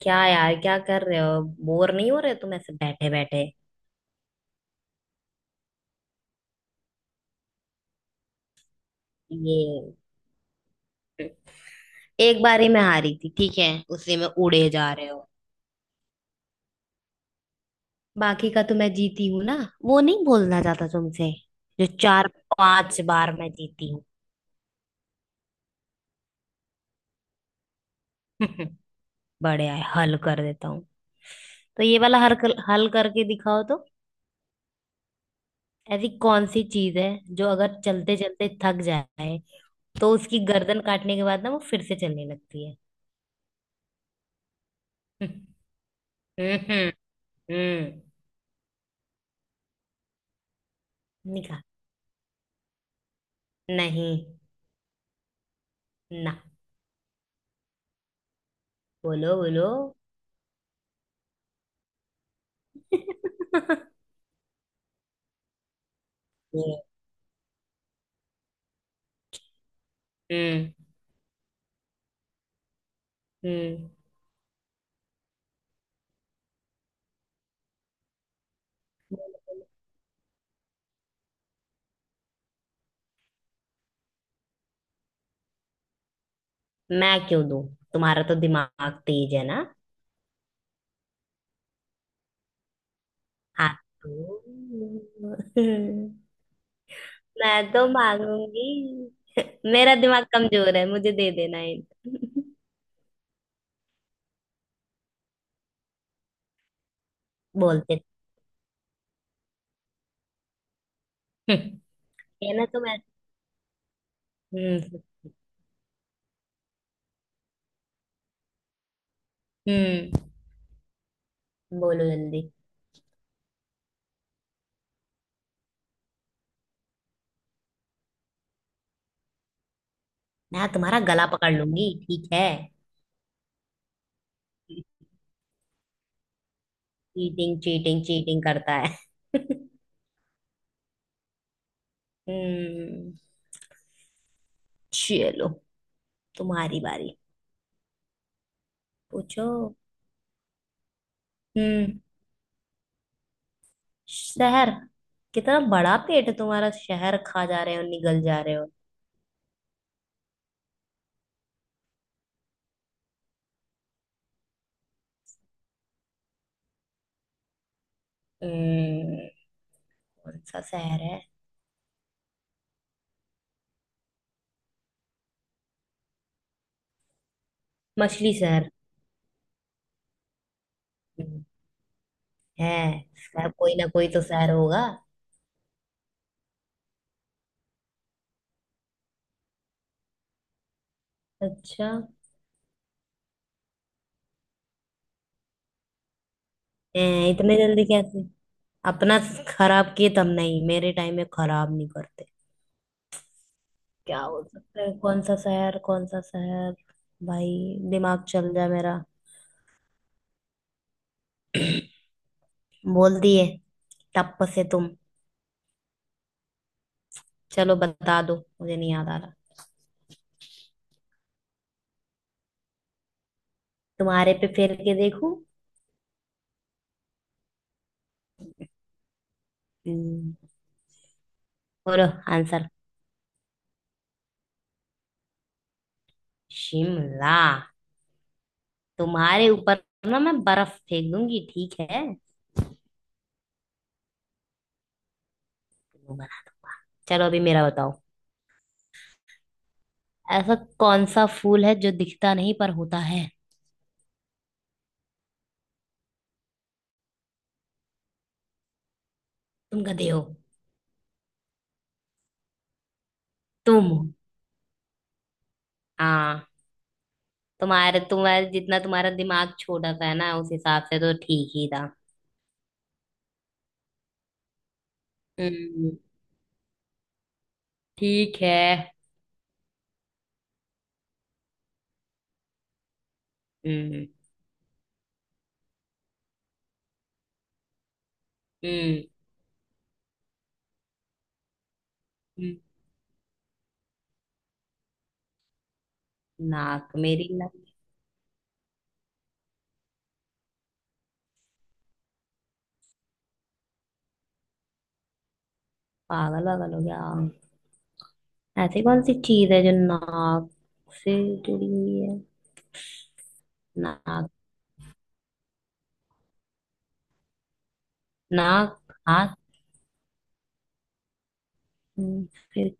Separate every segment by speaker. Speaker 1: क्या यार, क्या कर रहे हो? बोर नहीं हो रहे तुम ऐसे बैठे बैठे? ये एक बारी मैं हारी थी, ठीक है। उसी में उड़े जा रहे हो। बाकी का तो मैं जीती हूँ ना। वो नहीं बोलना चाहता तुमसे। जो चार पांच बार मैं जीती हूँ। बढ़िया है, हल कर देता हूँ। तो ये वाला हल करके दिखाओ तो। ऐसी कौन सी चीज है जो अगर चलते चलते थक जाए, तो उसकी गर्दन काटने के बाद ना वो फिर से चलने लगती है? हम्म हम्म हम्म, निकाल नहीं ना, बोलो बोलो। हम्म हम्म। बोलो, बोलो। मैं क्यों दूं? तुम्हारा तो दिमाग तेज है ना। हाँ तो मैं तो मांगूंगी। मेरा दिमाग कमजोर है, मुझे दे देना हिंट। बोलते है ना, तुम ऐसे- हम्म हम्म, बोलो जल्दी। मैं तुम्हारा गला पकड़ लूंगी, ठीक है। चीटिंग चीटिंग चीटिंग करता है। हम्म। चलो, तुम्हारी बारी। पूछो। हम्म, शहर? कितना बड़ा पेट है तुम्हारा, शहर खा जा रहे हो, निगल जा रहे हो। हम्म, कौन सा शहर है? मछली शहर? हम्म, है शहर, कोई ना कोई तो शहर होगा। अच्छा। हैं, इतने जल्दी कैसे अपना खराब किए? तब नहीं, मेरे टाइम में खराब नहीं करते। क्या हो सकता है? कौन सा शहर, कौन सा शहर? भाई दिमाग चल जाए मेरा। बोल दिए टप से तुम। चलो बता दो, मुझे नहीं याद आ रहा। तुम्हारे पे फेर के देखूं? हम्म, बोलो आंसर। शिमला? तुम्हारे ऊपर ना मैं बर्फ फेंक दूंगी, ठीक है। चलो अभी मेरा बताओ। ऐसा कौन सा फूल है जो दिखता नहीं पर होता है? तुम गधे हो। तुम, हाँ, तुम्हारे तुम्हारे जितना तुम्हारा दिमाग छोटा सा है ना, उस हिसाब से तो ठीक ही था। हम्म, ठीक है। हम्म हम्म हम्म। नाक मेरी ना? पागल वागल हो गया? ऐसी कौन सी चीज है जो नाक से जुड़ी हुई है? नाक? नाक? हाथ? हम्म, फिर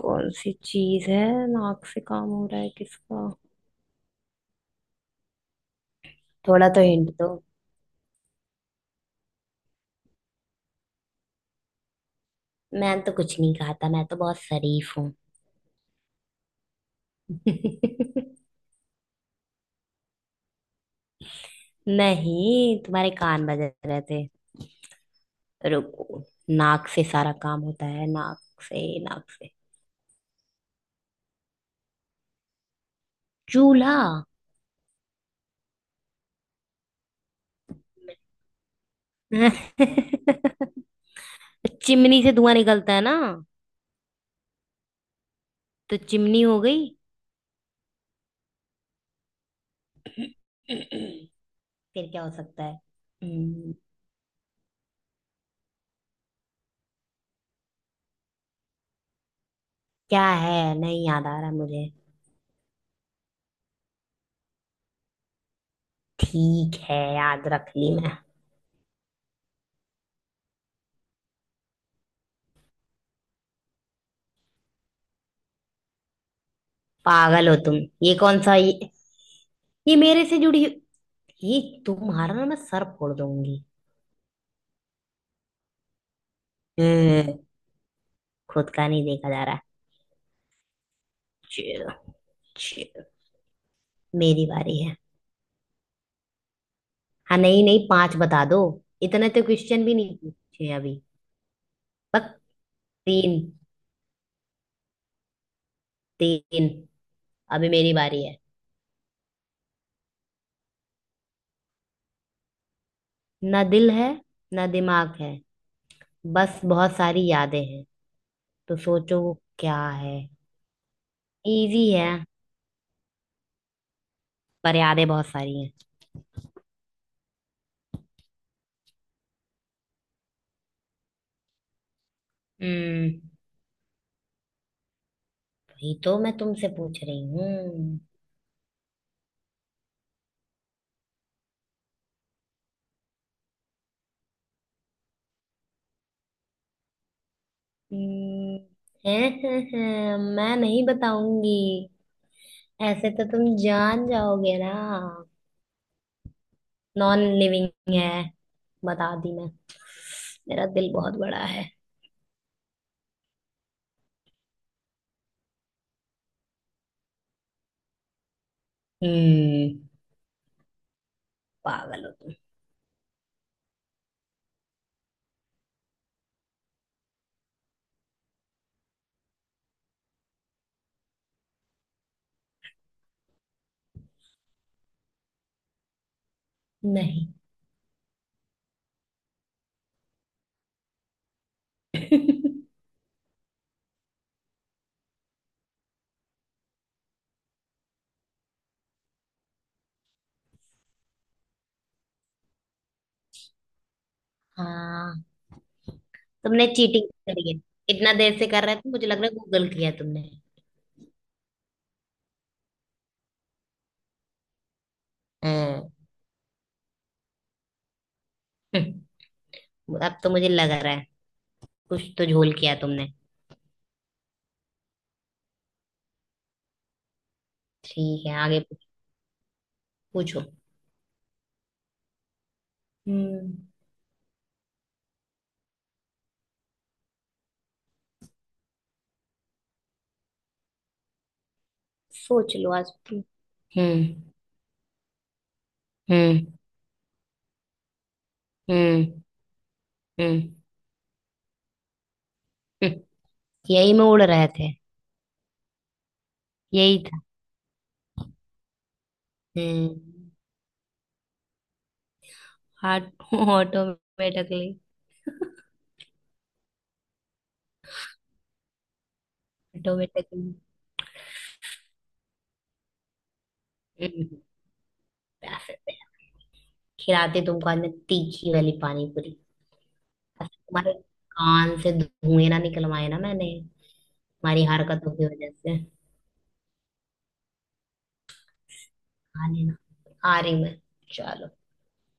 Speaker 1: कौन सी चीज है? नाक से काम हो रहा है किसका? थोड़ा तो हिंट दो। मैं तो कुछ नहीं खाता, मैं तो बहुत शरीफ हूँ। नहीं, तुम्हारे कान बज रहे थे। रुको। नाक से सारा काम होता है, नाक से, नाक से। चूल्हा? चिमनी से धुआं निकलता है ना, तो चिमनी हो गई। फिर क्या हो सकता है? हम्म, क्या है? नहीं याद आ रहा मुझे। ठीक है, याद रख ली मैं। पागल हो तुम। ये कौन सा ये मेरे से जुड़ी? ये, तुम्हारा ना मैं सर फोड़ दूंगी। हम्म, खुद का नहीं देखा जा रहा। चिल चिल, मेरी बारी है। हाँ नहीं नहीं, पांच बता दो। इतने तो क्वेश्चन भी नहीं पूछे अभी। बस तीन, तीन। अभी मेरी बारी है। ना दिल है, ना दिमाग है। बस बहुत सारी यादें हैं। तो सोचो वो क्या है। इजी है, पर यादें बहुत सारी हैं। हम्म? वही तो मैं तुमसे पूछ रही हूँ। हम्म, हैं, मैं नहीं बताऊंगी। ऐसे तो तुम जान जाओगे ना। नॉन लिविंग है, बता दी मैं। मेरा दिल बहुत बड़ा है। हम्म। पागल हो तुम। नहीं। हाँ, तुमने चीटिंग करी है। इतना देर से कर रहे थे, मुझे लग रहा है गूगल किया तुमने। हाँ। अब तो मुझे लग रहा है कुछ तो झोल किया तुमने। ठीक है, आगे पूछ- पूछो। हम्म। सोच लो आज तुम। हम्म हम्म हम्म हम्म हम्म, यही में उड़ रहे थे। यही था। हम्म। हाट? ऑटोमेटिकली। ऑटोमेटिकली। प्यासे थे? खिलाते तुमको आज मैं तीखी वाली पानी पूरी। बस तुम्हारे कान से धुएं ना निकलवाए ना मैंने तुम्हारी हरकतों की वजह से। आ लेना, आ रही मैं, चलो।